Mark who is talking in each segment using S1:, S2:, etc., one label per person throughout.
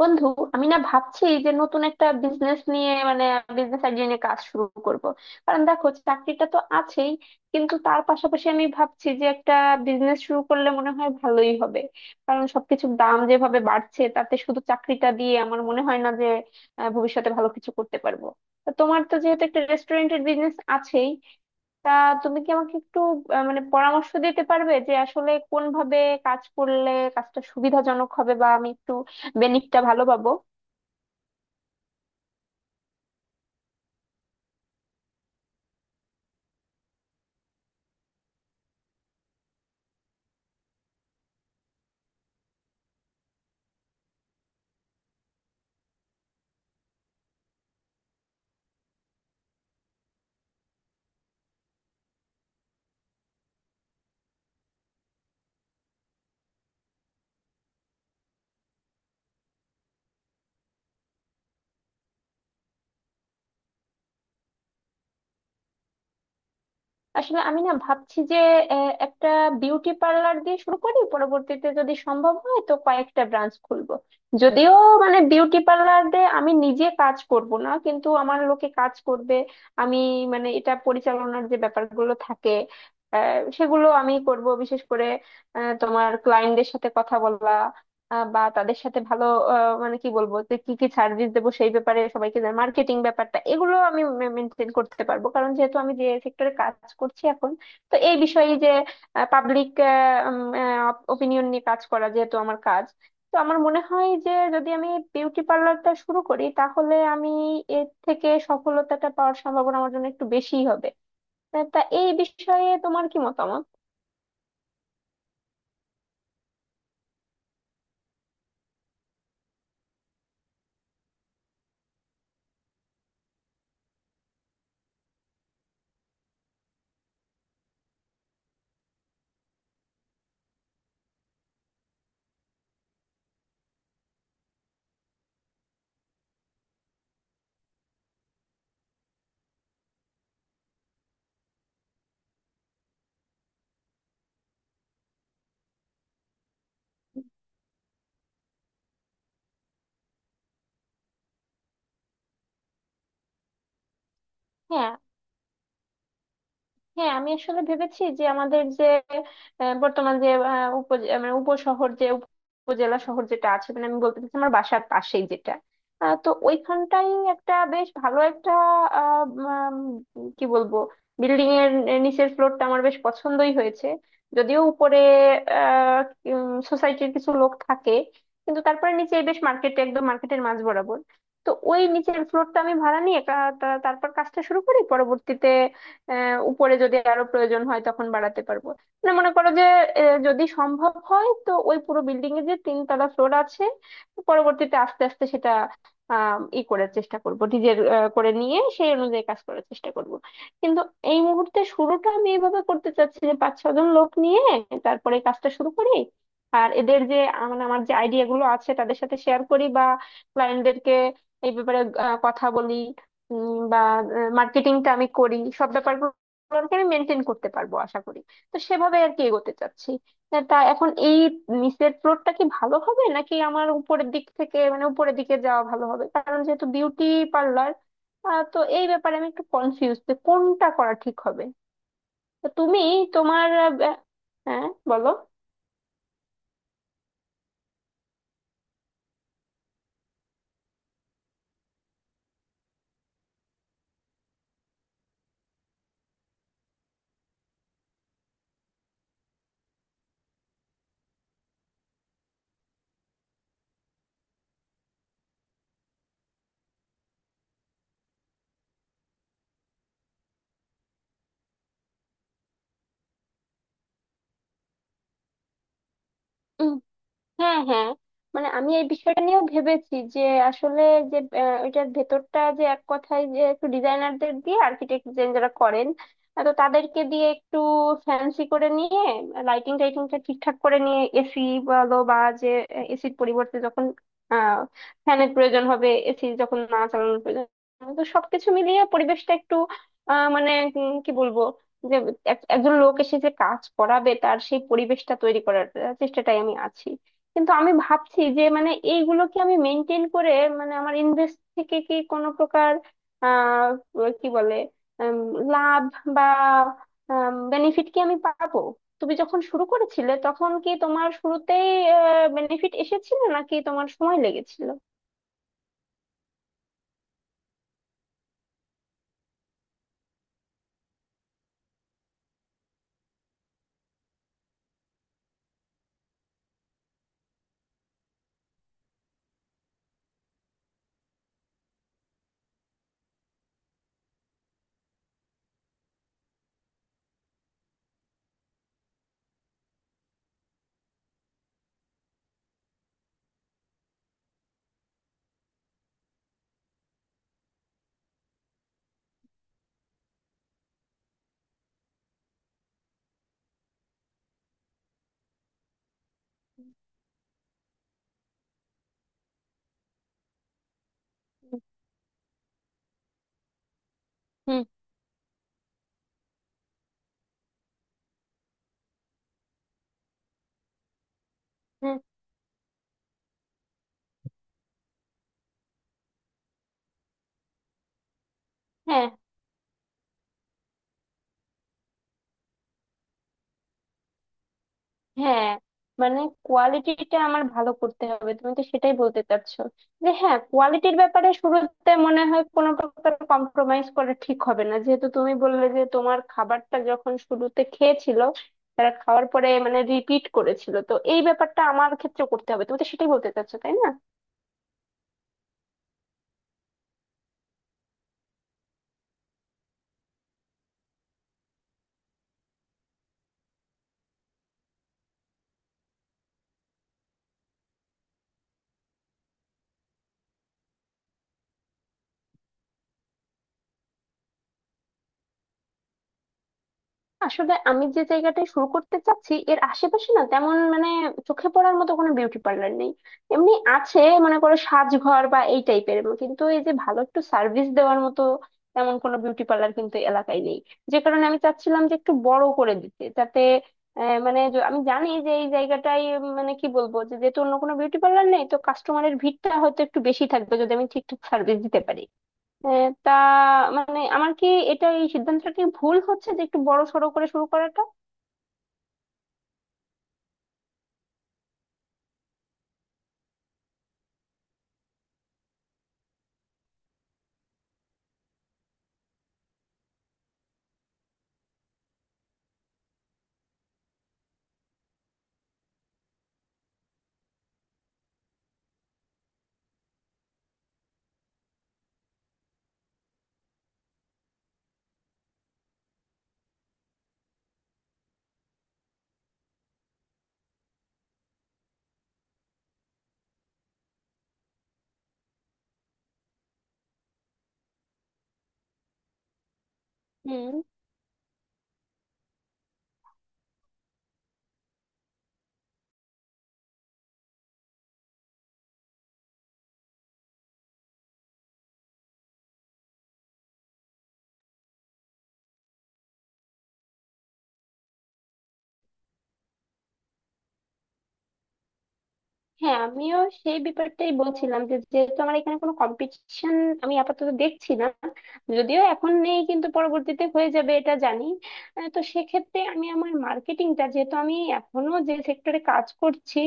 S1: বন্ধু, আমি না ভাবছি যে নতুন একটা বিজনেস নিয়ে মানে বিজনেস আইডিয়া নিয়ে কাজ শুরু করব। কারণ দেখো, চাকরিটা তো আছেই, কিন্তু তার পাশাপাশি আমি ভাবছি যে একটা বিজনেস শুরু করলে মনে হয় ভালোই হবে। কারণ সবকিছুর দাম যেভাবে বাড়ছে তাতে শুধু চাকরিটা দিয়ে আমার মনে হয় না যে ভবিষ্যতে ভালো কিছু করতে পারবো। তা তোমার তো যেহেতু একটা রেস্টুরেন্টের বিজনেস আছেই, তা তুমি কি আমাকে একটু মানে পরামর্শ দিতে পারবে যে আসলে কোন ভাবে কাজ করলে কাজটা সুবিধাজনক হবে বা আমি একটু বেনিফিটটা ভালো পাবো? আসলে আমি না ভাবছি যে একটা বিউটি পার্লার দিয়ে শুরু করি, পরবর্তীতে যদি সম্ভব হয় তো কয়েকটা ব্রাঞ্চ খুলবো। যদিও মানে বিউটি পার্লারে আমি নিজে কাজ করব না, কিন্তু আমার লোকে কাজ করবে। আমি মানে এটা পরিচালনার যে ব্যাপারগুলো থাকে সেগুলো আমি করব, বিশেষ করে তোমার ক্লায়েন্টদের সাথে কথা বলা, বা তাদের সাথে ভালো মানে কি বলবো যে কি কি সার্ভিস দেবো সেই ব্যাপারে সবাইকে জানাই, মার্কেটিং ব্যাপারটা, এগুলো আমি মেনটেন করতে পারবো, কারণ যেহেতু আমি যে সেক্টরে কাজ করছি এখন, তো এই বিষয়ে যে পাবলিক ওপিনিয়ন নিয়ে কাজ করা যেহেতু আমার কাজ, তো আমার মনে হয় যে যদি আমি বিউটি পার্লারটা শুরু করি তাহলে আমি এর থেকে সফলতাটা পাওয়ার সম্ভাবনা আমার জন্য একটু বেশি হবে। তা তা এই বিষয়ে তোমার কি মতামত? হ্যাঁ, হ্যাঁ, আমি আসলে ভেবেছি যে আমাদের যে বর্তমান যে মানে উপশহর যে উপজেলা শহর যেটা আছে, মানে আমি বলতে চাচ্ছি আমার বাসার পাশেই যেটা, তো ওইখানটাই একটা বেশ ভালো একটা আহ, কি বলবো, বিল্ডিং এর নিচের ফ্লোরটা আমার বেশ পছন্দই হয়েছে। যদিও উপরে সোসাইটির কিছু লোক থাকে, কিন্তু তারপরে নিচে বেশ মার্কেট, একদম মার্কেটের মাঝ বরাবর। তো ওই নিচের ফ্লোরটা আমি ভাড়া নিয়ে তারপর কাজটা শুরু করি, পরবর্তীতে উপরে যদি আরো প্রয়োজন হয় তখন বাড়াতে পারবো। মানে মনে করো যে যদি সম্ভব হয় তো ওই পুরো বিল্ডিং এ যে তিনতলা ফ্লোর আছে, পরবর্তীতে আস্তে আস্তে সেটা আহ ই করার চেষ্টা করব, ডিজাইন করে নিয়ে সেই অনুযায়ী কাজ করার চেষ্টা করব। কিন্তু এই মুহূর্তে শুরুটা আমি এইভাবে করতে চাচ্ছি যে পাঁচ ছজন লোক নিয়ে তারপরে কাজটা শুরু করি। আর এদের যে মানে আমার যে আইডিয়া গুলো আছে তাদের সাথে শেয়ার করি, বা ক্লায়েন্টদেরকে এই ব্যাপারে কথা বলি, বা মার্কেটিংটা আমি করি, সব ব্যাপারগুলোকে আমি মেনটেন করতে পারবো আশা করি। তো সেভাবে আর কি এগোতে চাচ্ছি। তা এখন এই নিচের ফ্লোরটা কি ভালো হবে, নাকি আমার উপরের দিক থেকে মানে উপরের দিকে যাওয়া ভালো হবে? কারণ যেহেতু বিউটি পার্লার, তো এই ব্যাপারে আমি একটু কনফিউজ যে কোনটা করা ঠিক হবে। তো তুমি তোমার হ্যাঁ, বলো। হ্যাঁ, হ্যাঁ, মানে আমি এই বিষয়টা নিয়েও ভেবেছি যে আসলে যে ওইটার ভেতরটা যে এক কথায় যে একটু ডিজাইনারদের দিয়ে, আর্কিটেক্ট যারা করেন তো তাদেরকে দিয়ে একটু ফ্যান্সি করে নিয়ে, লাইটিং টাইটিংটা ঠিকঠাক করে নিয়ে, এসি বলো, বা যে এসির পরিবর্তে যখন আহ ফ্যানের প্রয়োজন হবে, এসি যখন না চালানোর প্রয়োজন হবে, তো সবকিছু মিলিয়ে পরিবেশটা একটু মানে কি বলবো, যে একজন লোক এসে যে কাজ করাবে তার সেই পরিবেশটা তৈরি করার চেষ্টাটাই আমি আছি। কিন্তু আমি ভাবছি যে মানে এইগুলো কি আমি মেনটেন করে, মানে আমার ইনভেস্ট থেকে কি কোনো প্রকার কি বলে উম, লাভ বা বেনিফিট কি আমি পাবো? তুমি যখন শুরু করেছিলে তখন কি তোমার শুরুতেই বেনিফিট এসেছিল নাকি তোমার সময় লেগেছিল? হুম। হুম। হ্যাঁ, হ্যাঁ, মানে কোয়ালিটিটা আমার ভালো করতে হবে, তুমি তো সেটাই বলতে চাচ্ছো? যে হ্যাঁ, কোয়ালিটির ব্যাপারে শুরুতে মনে হয় কোনো প্রকার কম্প্রোমাইজ করা ঠিক হবে না, যেহেতু তুমি বললে যে তোমার খাবারটা যখন শুরুতে খেয়েছিল তারা, খাওয়ার পরে মানে রিপিট করেছিল, তো এই ব্যাপারটা আমার ক্ষেত্রে করতে হবে, তুমি তো সেটাই বলতে চাচ্ছো তাই না? আসলে আমি যে জায়গাটায় শুরু করতে চাচ্ছি এর আশেপাশে না তেমন মানে চোখে পড়ার মতো কোনো বিউটি পার্লার নেই। এমনি আছে, মনে করো সাজঘর বা এই টাইপের, কিন্তু এই যে ভালো একটু সার্ভিস দেওয়ার মতো তেমন কোনো বিউটি পার্লার কিন্তু এলাকায় নেই। যে কারণে আমি চাচ্ছিলাম যে একটু বড় করে দিতে, যাতে মানে আমি জানি যে এই জায়গাটাই, মানে কি বলবো, যে যেহেতু অন্য কোনো বিউটি পার্লার নেই তো কাস্টমারের ভিড়টা হয়তো একটু বেশি থাকবে যদি আমি ঠিকঠাক সার্ভিস দিতে পারি। তা মানে আমার কি, এটা এই সিদ্ধান্তটা কি ভুল হচ্ছে যে একটু বড় সড়ো করে শুরু করাটা? হুম। হ্যাঁ, আমিও সেই ব্যাপারটাই বলছিলাম যে যেহেতু আমার এখানে কোনো কম্পিটিশন আমি আপাতত দেখছি না। যদিও এখন নেই কিন্তু পরবর্তীতে হয়ে যাবে, এটা জানি। তো সেক্ষেত্রে আমি আমার মার্কেটিংটা, যেহেতু আমি এখনো যে সেক্টরে কাজ করছি,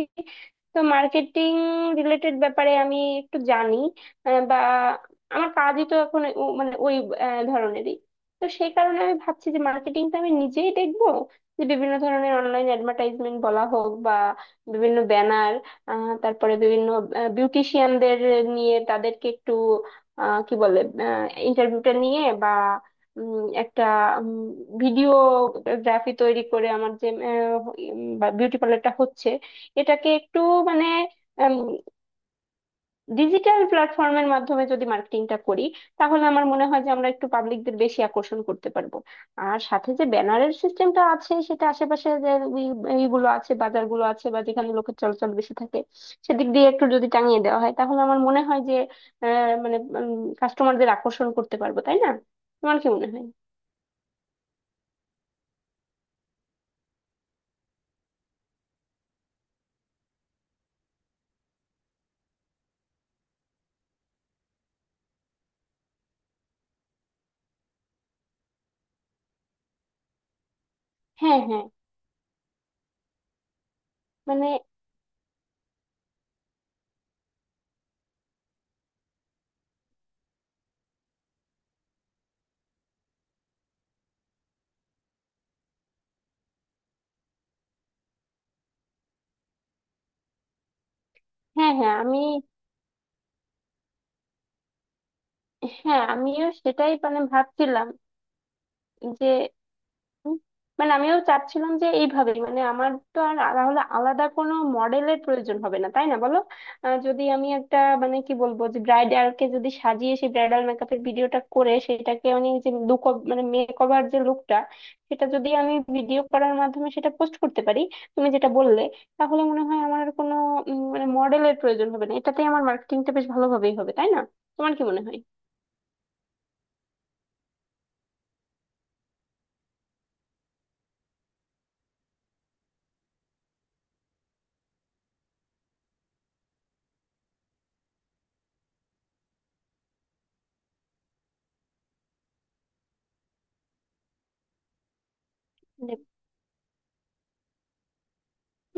S1: তো মার্কেটিং রিলেটেড ব্যাপারে আমি একটু জানি, বা আমার কাজই তো এখন মানে ওই ধরনেরই। তো সেই কারণে আমি ভাবছি যে মার্কেটিংটা আমি নিজেই দেখবো, যে বিভিন্ন ধরনের অনলাইন অ্যাডভার্টাইজমেন্ট বলা হোক, বা বিভিন্ন ব্যানার, তারপরে বিভিন্ন বিউটিশিয়ানদের নিয়ে, তাদেরকে একটু কি বলে, ইন্টারভিউটা নিয়ে, বা একটা ভিডিওগ্রাফি তৈরি করে আমার যে বিউটি পার্লারটা হচ্ছে এটাকে একটু মানে ডিজিটাল প্ল্যাটফর্মের মাধ্যমে যদি মার্কেটিংটা করি, তাহলে আমার মনে হয় যে আমরা একটু পাবলিকদের বেশি আকর্ষণ করতে পারবো। আর সাথে যে ব্যানারের সিস্টেমটা আছে সেটা আশেপাশে যে ই- ইগুলো আছে, বাজারগুলো আছে, বা যেখানে লোকের চলাচল বেশি থাকে, সেদিক দিয়ে একটু যদি টাঙিয়ে দেওয়া হয় তাহলে আমার মনে হয় যে মানে কাস্টমারদের আকর্ষণ করতে পারবো, তাই না? তোমার কি মনে হয়? হ্যাঁ, হ্যাঁ, মানে হ্যাঁ, হ্যাঁ, আমি, হ্যাঁ, আমিও সেটাই মানে ভাবছিলাম যে, হুম। মানে আমিও চাচ্ছিলাম যে এইভাবে, মানে আমার তো আর তাহলে আলাদা কোনো মডেলের প্রয়োজন হবে না তাই না, বলো? যদি আমি একটা মানে কি বলবো, যে ব্রাইডালকে যদি সাজিয়ে সেই ব্রাইডাল মেকআপের ভিডিওটা করে সেটাকে, মানে যে লুক, মানে মেক ওভার যে লুকটা, সেটা যদি আমি ভিডিও করার মাধ্যমে সেটা পোস্ট করতে পারি তুমি যেটা বললে, তাহলে মনে হয় আমার আর কোনো মানে মডেলের প্রয়োজন হবে না, এটাতেই আমার মার্কেটিংটা বেশ ভালোভাবেই হবে তাই না? তোমার কি মনে হয়? মানে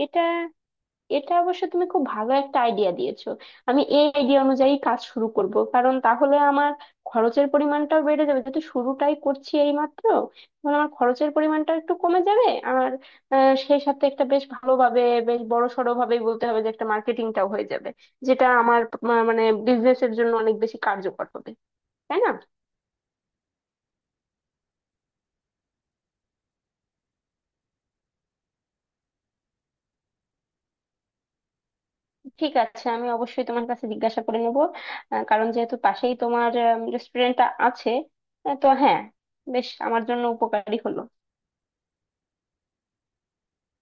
S1: এটা এটা অবশ্য তুমি খুব ভালো একটা আইডিয়া দিয়েছো। আমি এই আইডিয়া অনুযায়ী কাজ শুরু করব, কারণ তাহলে আমার খরচের পরিমাণটাও বেড়ে যাবে, যেহেতু শুরুটাই করছি এই মাত্র, তাহলে আমার খরচের পরিমাণটা একটু কমে যাবে। আর সেই সাথে একটা বেশ ভালোভাবে, বেশ বড় সড়ো ভাবেই বলতে হবে যে, একটা মার্কেটিংটাও হয়ে যাবে, যেটা আমার মানে বিজনেসের জন্য অনেক বেশি কার্যকর হবে, তাই না? ঠিক আছে, আমি অবশ্যই তোমার কাছে জিজ্ঞাসা করে নেব। কারণ যেহেতু পাশেই তোমার রেস্টুরেন্টটা আছে, তো হ্যাঁ, বেশ আমার জন্য উপকারী হলো।